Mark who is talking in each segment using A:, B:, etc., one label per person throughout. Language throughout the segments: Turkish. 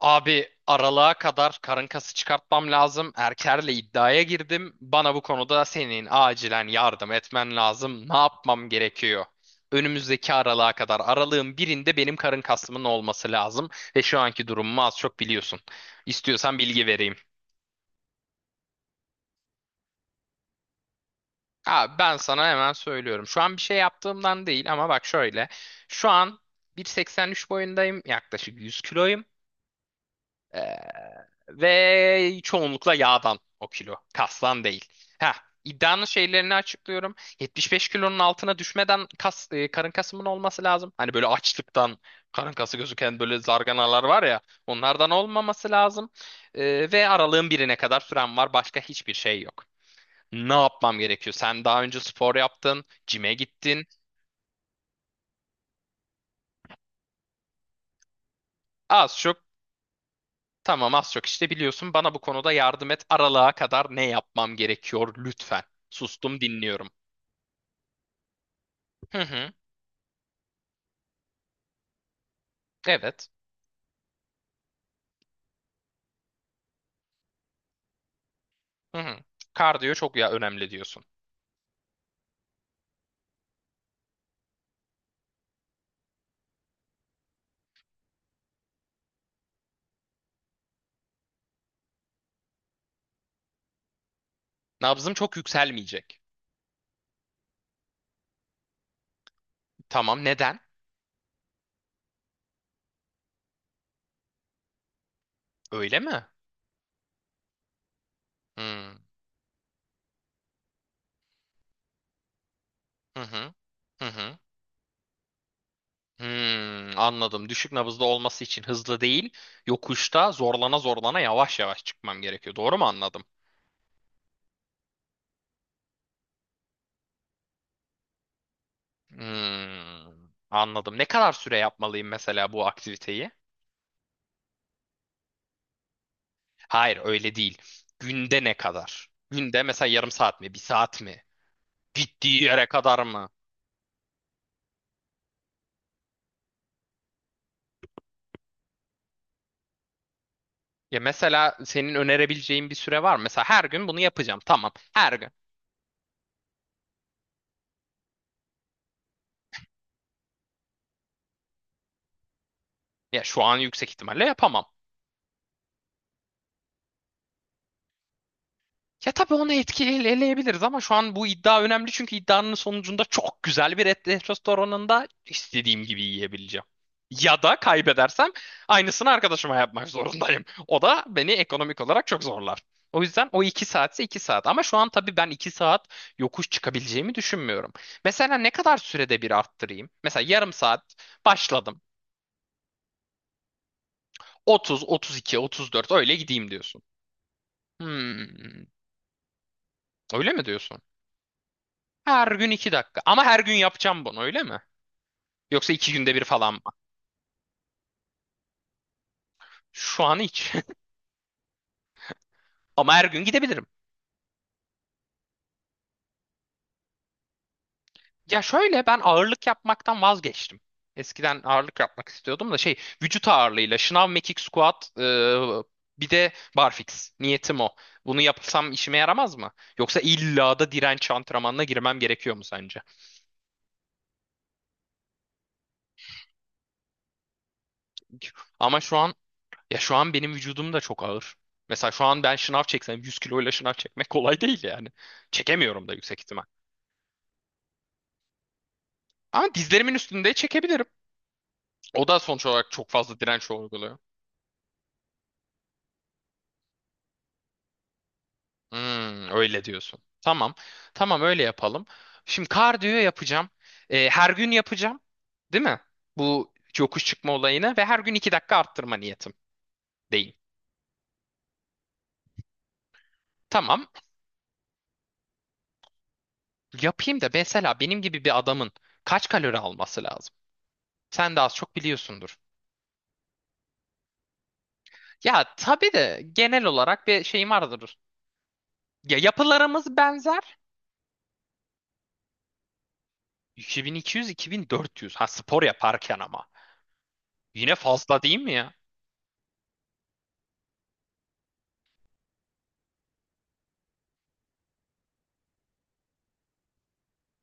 A: Abi aralığa kadar karın kası çıkartmam lazım. Erker'le iddiaya girdim. Bana bu konuda senin acilen yardım etmen lazım. Ne yapmam gerekiyor? Önümüzdeki aralığa kadar aralığın birinde benim karın kasımın olması lazım. Ve şu anki durumumu az çok biliyorsun. İstiyorsan bilgi vereyim. Ha, ben sana hemen söylüyorum. Şu an bir şey yaptığımdan değil ama bak şöyle. Şu an 1,83 boyundayım. Yaklaşık 100 kiloyum. Ee, ve çoğunlukla yağdan o kilo. Kastan değil. Ha, iddianın şeylerini açıklıyorum. 75 kilonun altına düşmeden karın kasımın olması lazım. Hani böyle açlıktan karın kası gözüken böyle zarganalar var ya. Onlardan olmaması lazım. Ve aralığın birine kadar süren var. Başka hiçbir şey yok. Ne yapmam gerekiyor? Sen daha önce spor yaptın, cime gittin. Az çok Tamam, az çok işte biliyorsun, bana bu konuda yardım et. Aralığa kadar ne yapmam gerekiyor lütfen. Sustum, dinliyorum. Hı hı. Evet. Hı hı. Kardiyo çok ya önemli diyorsun. Nabzım çok yükselmeyecek. Tamam, neden? Öyle mi? Hmm. Hı hı. Hı hı. Hmm, anladım. Düşük nabızda olması için hızlı değil, yokuşta zorlana zorlana yavaş yavaş çıkmam gerekiyor. Doğru mu anladım? Hmm, anladım. Ne kadar süre yapmalıyım mesela bu aktiviteyi? Hayır, öyle değil. Günde ne kadar? Günde mesela yarım saat mi, bir saat mi? Gittiği yere kadar mı? Ya mesela senin önerebileceğin bir süre var mı? Mesela her gün bunu yapacağım. Tamam. Her gün. Ya şu an yüksek ihtimalle yapamam. Ya tabii onu etkileyebiliriz, eleyebiliriz ama şu an bu iddia önemli çünkü iddianın sonucunda çok güzel bir et restoranında istediğim gibi yiyebileceğim. Ya da kaybedersem aynısını arkadaşıma yapmak zorundayım. O da beni ekonomik olarak çok zorlar. O yüzden o iki saatse iki saat. Ama şu an tabii ben iki saat yokuş çıkabileceğimi düşünmüyorum. Mesela ne kadar sürede bir arttırayım? Mesela yarım saat başladım. 30, 32, 34 öyle gideyim diyorsun. Hmm, öyle mi diyorsun? Her gün iki dakika. Ama her gün yapacağım bunu, öyle mi? Yoksa iki günde bir falan mı? Şu an hiç. Ama her gün gidebilirim. Ya şöyle, ben ağırlık yapmaktan vazgeçtim. Eskiden ağırlık yapmak istiyordum da şey, vücut ağırlığıyla şınav, mekik, squat, bir de barfix. Niyetim o. Bunu yapsam işime yaramaz mı? Yoksa illa da direnç antrenmanına girmem gerekiyor mu sence? Ama şu an ya şu an benim vücudum da çok ağır. Mesela şu an ben şınav çeksem 100 kiloyla şınav çekmek kolay değil yani. Çekemiyorum da yüksek ihtimal. Ama dizlerimin üstünde çekebilirim. O da sonuç olarak çok fazla direnç uyguluyor. Hmm, öyle diyorsun. Tamam. Tamam, öyle yapalım. Şimdi kardiyo yapacağım. Her gün yapacağım. Değil mi? Bu yokuş çıkma olayını ve her gün 2 dakika arttırma niyetim değil. Tamam. Yapayım da mesela benim gibi bir adamın kaç kalori alması lazım? Sen de az çok biliyorsundur. Ya tabii de genel olarak bir şeyim vardır. Ya yapılarımız benzer. 2200-2400. Ha, spor yaparken ama. Yine fazla değil mi ya?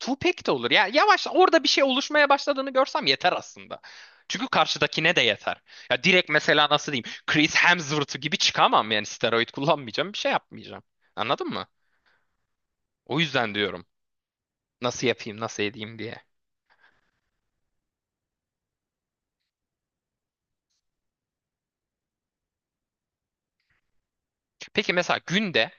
A: Tupac de olur. Ya yavaş, orada bir şey oluşmaya başladığını görsem yeter aslında. Çünkü karşıdakine de yeter. Ya direkt mesela nasıl diyeyim? Chris Hemsworth gibi çıkamam yani, steroid kullanmayacağım, bir şey yapmayacağım. Anladın mı? O yüzden diyorum. Nasıl yapayım, nasıl edeyim diye. Peki mesela günde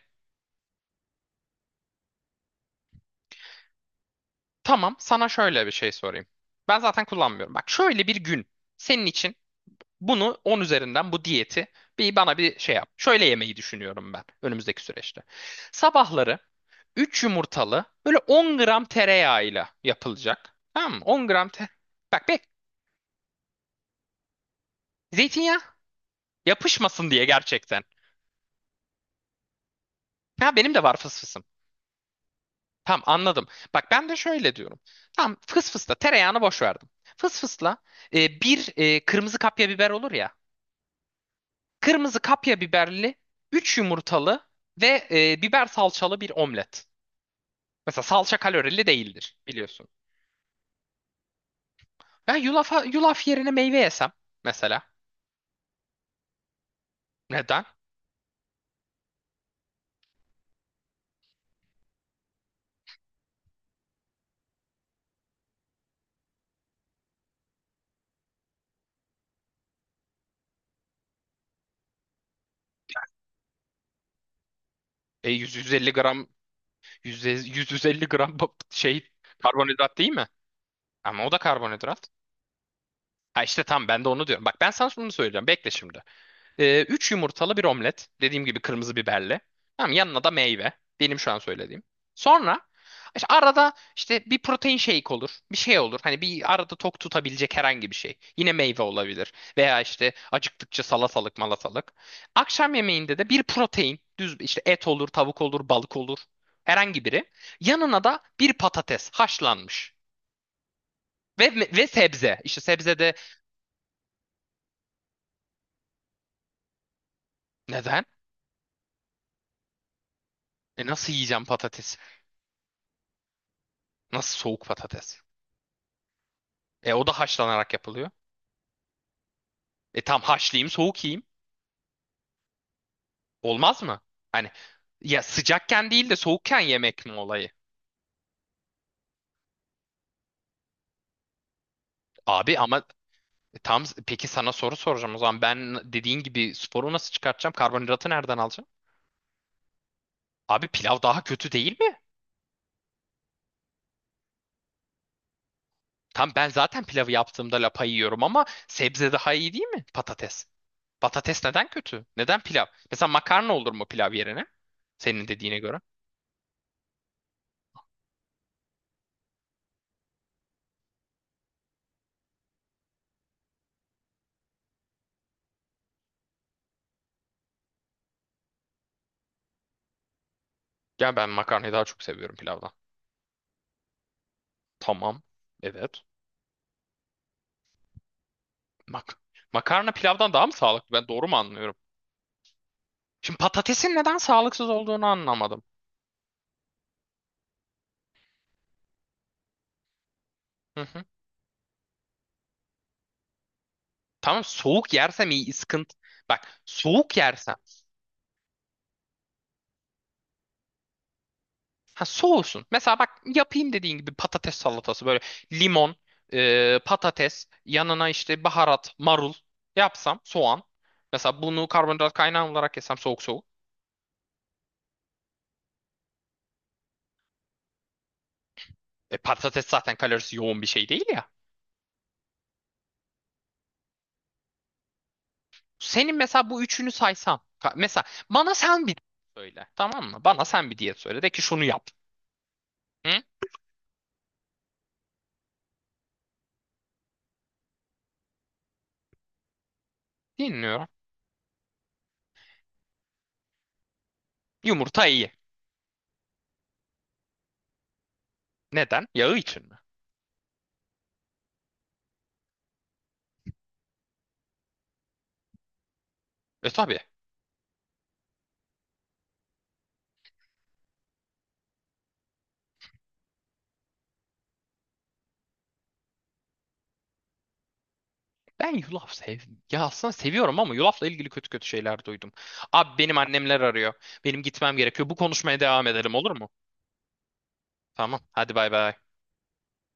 A: Tamam, sana şöyle bir şey sorayım. Ben zaten kullanmıyorum. Bak, şöyle bir gün, senin için bunu 10 üzerinden bu diyeti bir bana bir şey yap. Şöyle yemeyi düşünüyorum ben önümüzdeki süreçte. Sabahları 3 yumurtalı böyle 10 gram tereyağıyla yapılacak. Tamam mı? 10 gram Bak, zeytinyağı yapışmasın diye gerçekten. Ha, benim de var fıs fısım. Tamam, anladım. Bak, ben de şöyle diyorum. Tamam, fıs fısla tereyağını boş verdim. Fıs fısla bir kırmızı kapya biber olur ya. Kırmızı kapya biberli 3 yumurtalı ve biber salçalı bir omlet. Mesela salça kalorili değildir biliyorsun. Yulaf yerine meyve yesem mesela. Neden? E 100-150 gram 100-150 gram şey, karbonhidrat değil mi? Ama o da karbonhidrat. Ha işte, tam ben de onu diyorum. Bak, ben sana şunu söyleyeceğim. Bekle şimdi. 3 yumurtalı bir omlet. Dediğim gibi kırmızı biberli. Tamam, yanına da meyve. Benim şu an söylediğim. Sonra işte arada işte bir protein shake olur. Bir şey olur. Hani bir arada tok tutabilecek herhangi bir şey. Yine meyve olabilir. Veya işte acıktıkça salatalık malatalık. Akşam yemeğinde de bir protein. Düz işte, et olur, tavuk olur, balık olur. Herhangi biri. Yanına da bir patates haşlanmış. Ve sebze. İşte sebze de neden? Nasıl yiyeceğim patates? Nasıl soğuk patates? O da haşlanarak yapılıyor. Tam haşlayayım, soğuk yiyeyim. Olmaz mı? Hani, ya sıcakken değil de soğukken yemek mi olayı? Abi ama peki, sana soru soracağım o zaman. Ben dediğin gibi sporu nasıl çıkartacağım? Karbonhidratı nereden alacağım? Abi, pilav daha kötü değil mi? Tam, ben zaten pilavı yaptığımda lapa yiyorum ama sebze daha iyi değil mi? Patates. Patates neden kötü? Neden pilav? Mesela makarna olur mu pilav yerine? Senin dediğine göre. Ya ben makarnayı daha çok seviyorum pilavdan. Tamam. Evet. Mak Makarna pilavdan daha mı sağlıklı? Ben doğru mu anlıyorum? Şimdi patatesin neden sağlıksız olduğunu anlamadım. Hı hı. Tamam, soğuk yersem iyi, sıkıntı. Bak, soğuk yersem. Ha, soğusun. Mesela bak, yapayım dediğin gibi patates salatası böyle, limon, patates, yanına işte baharat, marul yapsam, soğan. Mesela bunu karbonhidrat kaynağı olarak yesem soğuk soğuk. Patates zaten kalorisi yoğun bir şey değil ya. Senin mesela bu üçünü saysam. Mesela bana sen bir söyle. Tamam mı? Bana sen bir diyet söyle. De ki şunu yap. Hı? Dinliyorum. Yumurta iyi. Neden? Yağı için mi? E tabii. Ben yulaf sev. Ya aslında seviyorum ama yulafla ilgili kötü kötü şeyler duydum. Abi, benim annemler arıyor. Benim gitmem gerekiyor. Bu konuşmaya devam edelim, olur mu? Tamam. Hadi bay bay.